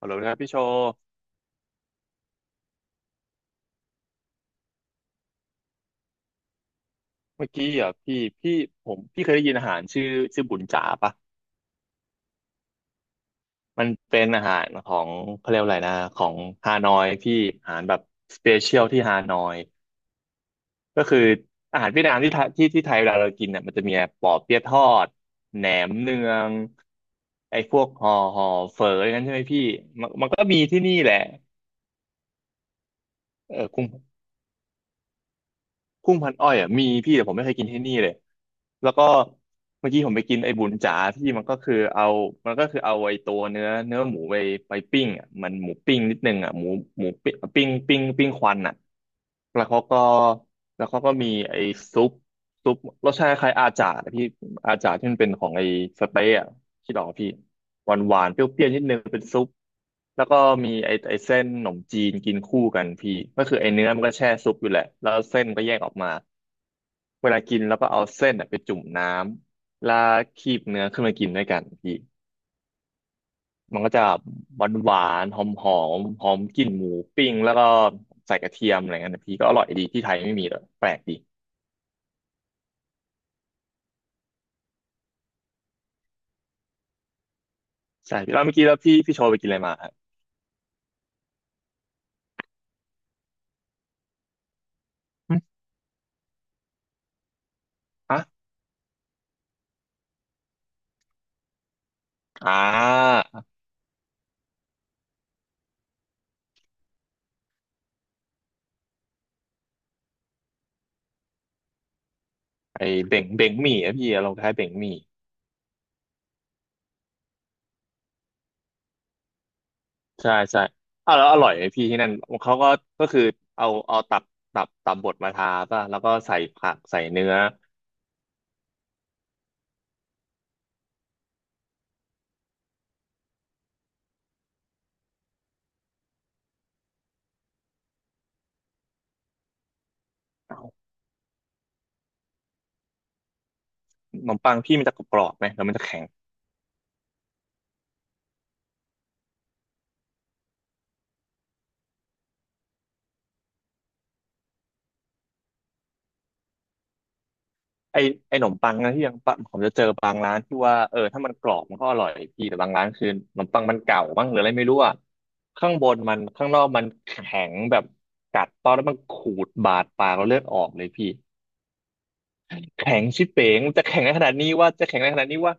ฮัลโหลนะครับพี่โชว์เมื่อกี้อ่ะพี่พี่ผมพี่เคยได้ยินอาหารชื่อชื่อบุญจ๋าปะ มันเป็นอาหารของเขาเรียกว่าอะไรนะของฮานอยพี่อาหารแบบสเปเชียลที่ฮานอยก็คืออาหารเวียดนามที่ไทยที่ที่ไทยเวลาเรากินเนี่ยมันจะมีปอเปี๊ยะทอดแหนมเนืองไอ้พวกห่อห่อเฝออย่างนั้นใช่ไหมพี่มันมันก็มีที่นี่แหละเออคุณ กุ้งพันอ้อยอ่ะมีพี่แต่ผมไม่เคยกินที่นี่เลยแล้วก็เมื่อกี้ผมไปกินไอ้บุญจ๋าที่มันก็คือเอามันก็คือเอาไอ้ตัวเนื้อเนื้อหมูไปไปปิ้งอ่ะมันหมูปิ้งนิดนึงอ่ะหมูหมูปิ้งปิ้งปิ้งปิ้งควันอ่ะแล้วเขาก็แล้วเขาก็มีไอ้ซุป ซุปรสชาติคล้ายอาจาร์นะพี่อาจาร์ที่มันเป็นของไอ้สเต๊ะอะที่ดออกปะพี่หวานหวานเปรี้ยวๆนิดนึงเป็นซุปแล้วก็มีไอ้ไอ้เส้นขนมจีนกินคู่กันพี่ก็คือไอ้เนื้อมันก็แช่ซุปอยู่แหละแล้วเส้นก็แยกออกมาเวลากินแล้วก็เอาเส้นอะไปจุ่มน้ำแล้วคีบเนื้อขึ้นมากินด้วยกันพี่มันก็จะหวานหวานหอมหอมหอมกลิ่นหมูปิ้งแล้วก็ใส่กระเทียมอะไรเงี้ยนะพี่ก็อร่อยดีที่ไทยไม่มีเลยแปลกดีใช่พี่แล้วเมื่อกี้แล้วพี่พี่โชว์ไปกินอะไรมาฮะหึอะ อ่าไอเบ่งเบ่งหมี่อะพี่ลคล้ายเบ่งหมี่ใช่ใช่อ้าวแล้วอร่อยไหมพี่ที่นั่นเขาก็ก็คือเอาเอาตับตับตับบดมาทาป่ะแล้วก็ใส่ผักใส่เนื้ออ้าวขนมปังพี่มันจะกรอบไหมแล้วมันจะแข็งไอไอขนมปังนะที่ยังปะผมจะเจอบางร้านที่ว่าเออถ้ามันกรอบมันก็อร่อยพี่แต่บางร้านคือขนมปังมันเก่าบ้างหรืออะไรไม่รู้อะข้างบนมันข้างนอกมันแข็งแบบกัดตอนแล้วมันขูดบาดปากเราเลือดออกเลยพี่ แข็งชิบเป๋งจะแข็งในขนาดนี้ว่าจะแข็งในขนาดนี้ว่า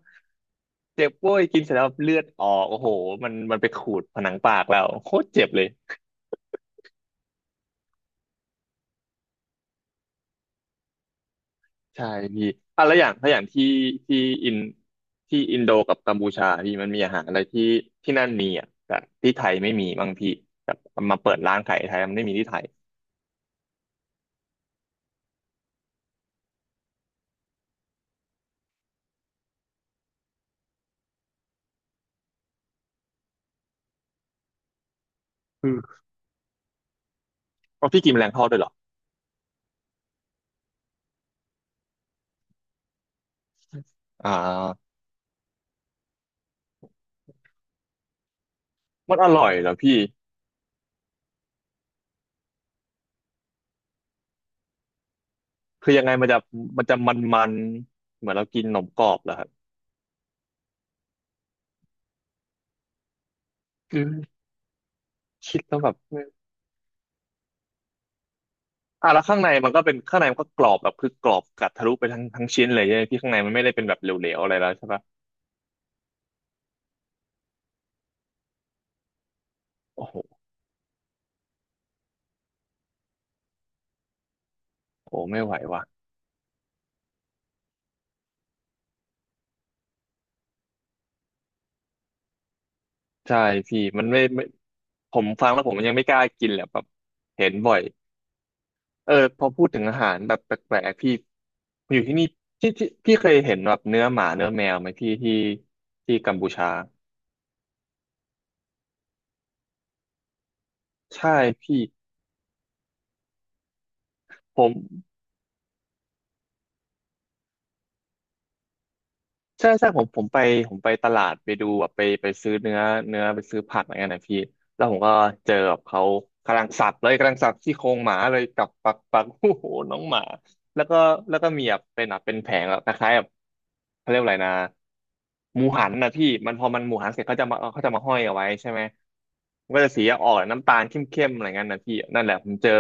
เจ็บโว้ยกินเสร็จแล้วเลือดออกโอ้โหมันมันไปขูดผนังปากเราโคตรเจ็บเลยใช่พี่อ่ะแล้วอย่างถ้าอย่างที่ที่อินที่อินโดกับกัมพูชาพี่มันมีอาหารอะไรที่ที่นั่นมีอ่ะแต่ที่ไทยไม่มีบางพี่แบบมาเปิดร้านขายไทยมันไม่มีที่ไทยคือเอาพี่กินแมลงทอดด้วยเหรออ่ามันอร่อยเหรอพี่คือยังไงมันจะมันจะมันๆเหมือนเรากินขนมกรอบเหรอครับคือคิดแล้วแบบ อ่ะแล้วข้างในมันก็เป็นข้างในมันก็กรอบแบบคือกรอบกัดทะลุไปทั้งทั้งชิ้นเลยใช่ไหมพี่ข้างในมันไม่ได้เป็นแบบเหลวๆอะไรแล้วใช่ปะโอ้โหโอ้ไม่ไหวว่ะใช่พี่มันไม่ไม่ผมฟังแล้วผมยังไม่กล้ากินแหละแบบเห็นบ่อยเออพอพูดถึงอาหารแบบแปลกๆพี่อยู่ที่นี่ที่ที่พี่เคยเห็นแบบเนื้อหมาเนื้อแมวไหมพี่ที่ที่กัมพูชาใช่พี่ผม ใช่ใช่ผมผมไปผมไปตลาดไปดูแบบไปไปซื้อเนื้อเนื้อไปซื้อผักอะไรเงี้ยนะพี่แล้วผมก็เจอแบบเขากำลังสับเลยกำลังสับซี่โครงหมาเลยกับปักปักโอ้โหน้องหมาแล้วก็แล้วก็มีแบบเป็นแบบเป็นแผงแบบคล้ายๆแบบเขาเรียกว่าอะไรนะหมูหันนะพี่มันพอมันหมูหันเสร็จเขาจะมาเขาจะมาห้อยเอาไว้ใช่ไหมมันก็จะสีออกน้ำตาลเข้มๆอะไรเงี้ยนะพี่นั่นแหละผมเจอ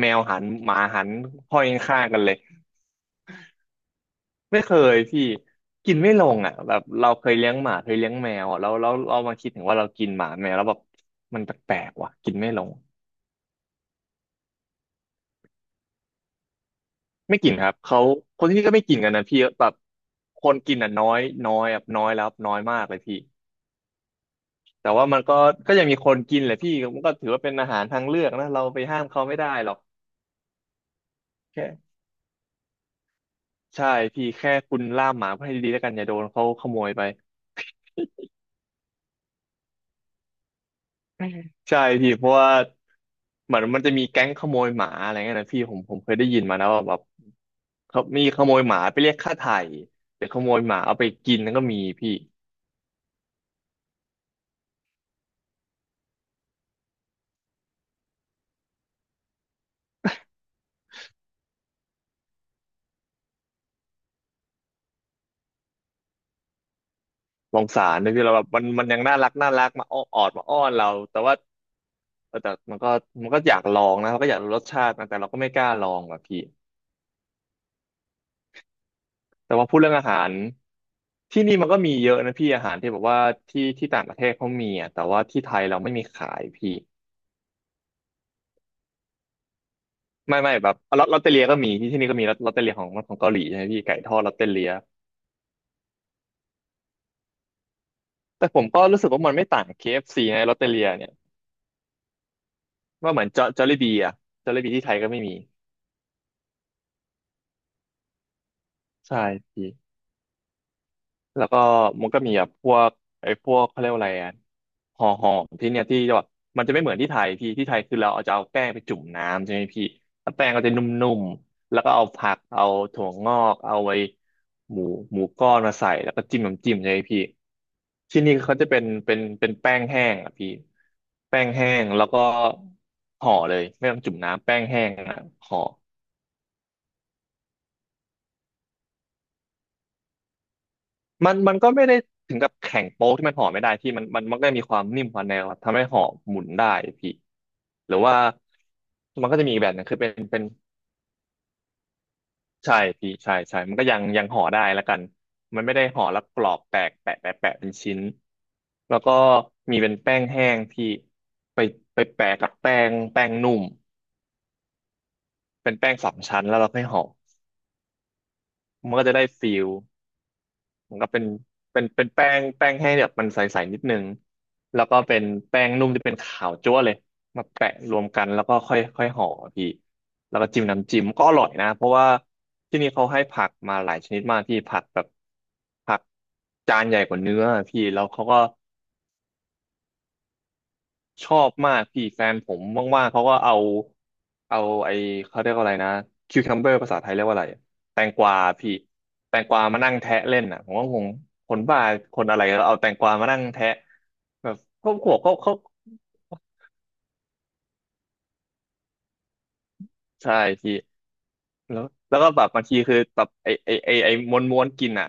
แมวหันหมาหันห้อยข้างๆกันเลย ไม่เคยพี่กินไม่ลงอ่ะแบบเราเคยเลี้ยงหมาเคยเลี้ยงแมวอะแล้วแล้วเรามาคิดถึงว่าเรากินหมาแมวแล้วแบบมันแปลกๆว่ะกินไม่ลงไม่กินครับเขาคนที่นี่ก็ไม่กินกันนะพี่แบบคนกินอ่ะน้อยน้อยแบบน้อยแล้วน้อยมากเลยพี่แต่ว่ามันก็ก็ยังมีคนกินแหละพี่มันก็ถือว่าเป็นอาหารทางเลือกนะเราไปห้ามเขาไม่ได้หรอกแค่ใช่พี่แค่คุณล่ามหมาให้ดีๆแล้วกันอย่าโดนเขาขโมยไป อืมใช่พี่เพราะว่าเหมือนมันจะมีแก๊งขโมยหมาอะไรเงี้ยนะพี่ผมเคยได้ยินมานะว่าแบบเขามีขโมยหมาไปเรียกค่าไถ่หรือขโมยหมาเอาไปกินนั่นก็มีพี่สงสารเลยพี่เราแบบมันยังน่ารักน่ารักมาอ้อนออดมาอ้อนเราแต่ว่าเออแต่มันก็อยากลองนะมันก็อยากรู้รสชาตินะแต่เราก็ไม่กล้าลองว่ะพี่แต่ว่าพูดเรื่องอาหารที่นี่มันก็มีเยอะนะพี่อาหารที่แบบว่าที่ต่างประเทศเขามีอ่ะแต่ว่าที่ไทยเราไม่มีขายพี่ ไม่แบบลอตลอตเตอเลียก็มีที่นี่ก็มีลอตลอตเตอเลียของเกาหลีใช่ไหมพี่ไก่ทอดลอตเตอเลียแต่ผมก็รู้สึกว่ามันไม่ต่าง KFC นะลอตเตอเลียเนี่ยว่าเหมือนจอจอลลี่บีอะจอลลี่บีที่ไทยก็ไม่มีใช่พี่ แล้วก็มันก็มีแบบพวกไอ้พวกเขาเรียกว่าอะไรอ่ะห่อห่อมที่เนี่ยที่แบบมันจะไม่เหมือนที่ไทยพี่ที่ไทยคือเราเอาจะเอาแป้งไปจุ่มน้ำใช่ไหมพี่แล้วแป้งก็จะนุ่มๆแล้วก็เอาผักเอาถั่วงอกเอาไอ้หมูหมูก้อนมาใส่แล้วก็จิ้มน้ำจิ้มใช่ไหมพี่ที่นี่เขาจะเป็นแป้งแห้งอ่ะพี่แป้งแห้งแล้วก็ห่อเลยไม่ต้องจุ่มน้ำแป้งแห้งอ่ะห่อ มันก็ไม่ได้ถึงกับแข็งโป๊กที่มันห่อไม่ได้พี่มันก็มีความนิ่มความแนวครับทำให้ห่อหมุนได้พี่หรือว่ามันก็จะมีอีกแบบหนึงคือเป็นใช่พี่ใช่มันก็ยังห่อได้แล้วกันมันไม่ได้ห่อแล้วกรอบแตกแปะแปะแปะเป็นชิ้นแล้วก็มีเป็นแป้งแห้งพี่ไปไปแปะกับแป้งนุ่มเป็นแป้งสามชั้นแล้วเราค่อยห่อมันก็จะได้ฟิล มันก็เป็นแป้งให้แบบมันใสๆนิดนึงแล้วก็เป็นแป้งนุ่มที่เป็นขาวจั๊วเลยมาแปะรวมกันแล้วก็ค่อยค่อยห่อพี่แล้วก็จิ้มน้ำจิ้มก็อร่อยนะเพราะว่าที่นี่เขาให้ผักมาหลายชนิดมากพี่ผักแบบผักจานใหญ่กว่าเนื้อพี่แล้วเขาก็ ชอบมากพี่แฟนผมว่างๆเขาก็เอาเอาไอเขาเรียกว่าอะไรนะคิวคัมเบอร์ภาษาไทยเรียกว่าอะไรแตงกวาพี่แตงกวามานั่งแทะเล่นอ่ะผมก็งงคนบ้าคนอะไรแล้วเอาแตงกวามานั่งแทะแบบครอบครัวเขาใช่พี่แล้วแล้วก็แบบบางทีคือแบบไอไอไอไอม้วนกินอ่ะ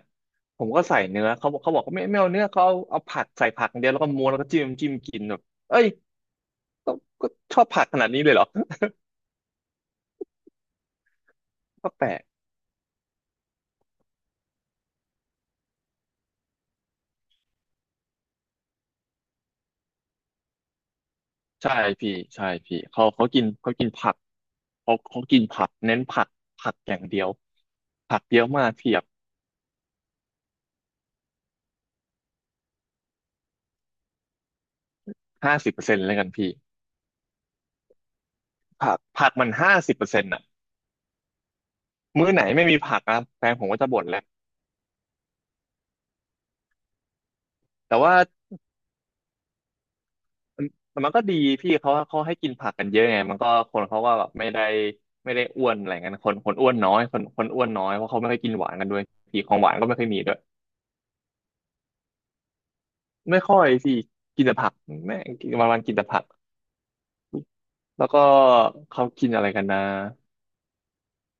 ผมก็ใส่เนื้อเขาบอกว่าไม่เอาเนื้อเขาเอาผักใส่ผักอย่างเดียวแล้วก็ม้วนแล้วก็จิ้มกินแบบเอ้ยก็ก็ชอบผักขนาดนี้เลยเหรอก็แปลก ใช่พี่ใช่พี่เขากินผักเขากินผักเน้นผักผักอย่างเดียวผักเยอะมากเทียบห้าสิบเปอร์เซ็นต์แล้วกันพี่ผักมันห้าสิบเปอร์เซ็นต์อ่ะมื้อไหนไม่มีผักนะแฟนผมก็จะบ่นแหละแต่ว่าแต่มันก็ดีพี่เขาให้กินผักกันเยอะไงมันก็คนเขาก็แบบไม่ได้อ้วนอะไรเงี้ยคนอ้วนน้อยคนอ้วนน้อยเพราะเขาไม่ค่อยกินหวานกันด้วยพี่ของหวานก็ไม่ค่อยมีด้วยไม่ค่อยพี่กินแต่ผักแม่งวันกินแต่ผักแล้วก็เขากินอะไรกันนะ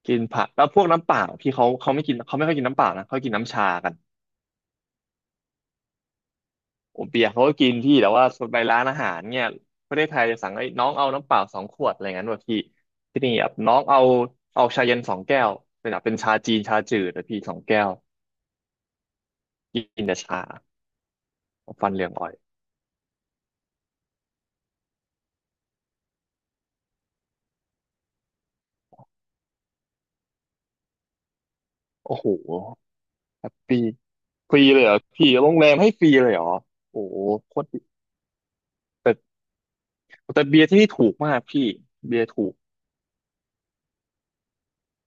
กินผักแล้วพวกน้ำเปล่าพี่เขาไม่กินเขาไม่ค่อยกินน้ำเปล่านะเขากินน้ำชากันผมเปียกเขาก็กินพี่แต่ว่าไปร้านอาหารเนี่ยประเทศไทยจะสั่งไอ้น้องเอาน้ำเปล่าสองขวดอะไรเงี้ยด้วยพี่ที่นี่แบบน้องเอาเอาชาเย็นสองแก้วเป็นแบบเป็นชาจีนชาจืดแต่พี่สองแก้วกินแต่ชาฟันเหลืองอ่อยโอ้โหแฮปปี้ฟรีเลยเหรอพี่โรงแรมให้ฟรีเลยเหรอโอ้โหโคตรดีแต่แต่เบียร์ที่นี่ถูกมากพี่เบียร์ถูก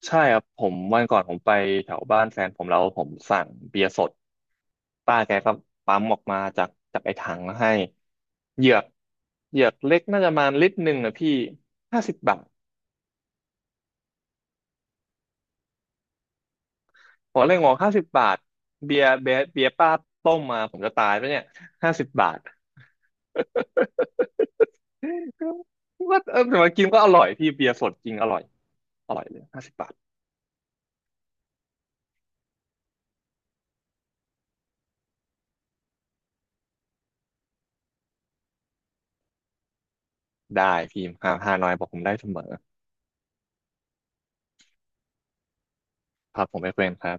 ใช่ครับผมวันก่อนไปแถวบ้านแฟนผมแล้วผมสั่งเบียร์สดป้าแกก็ปั๊มออกมาจากไอ้ถังมาให้เหยือกเหยือกเล็กน่าจะประมาณ1 ลิตรนะพี่ห้าสิบบาทผมเลยงงห้าสิบบาทเบียร์ป้าต้มมาผมจะตายปะเนี่ยห้าสิบบาท ว่าเออแต่มากินก็อร่อยพี่เบียร์สดจริงอร่อยอร่อยเลยห้าสิบบาทได้พี่ห้าน้อยบอกผมได้เสมอครับผมไม่เฟรนครับ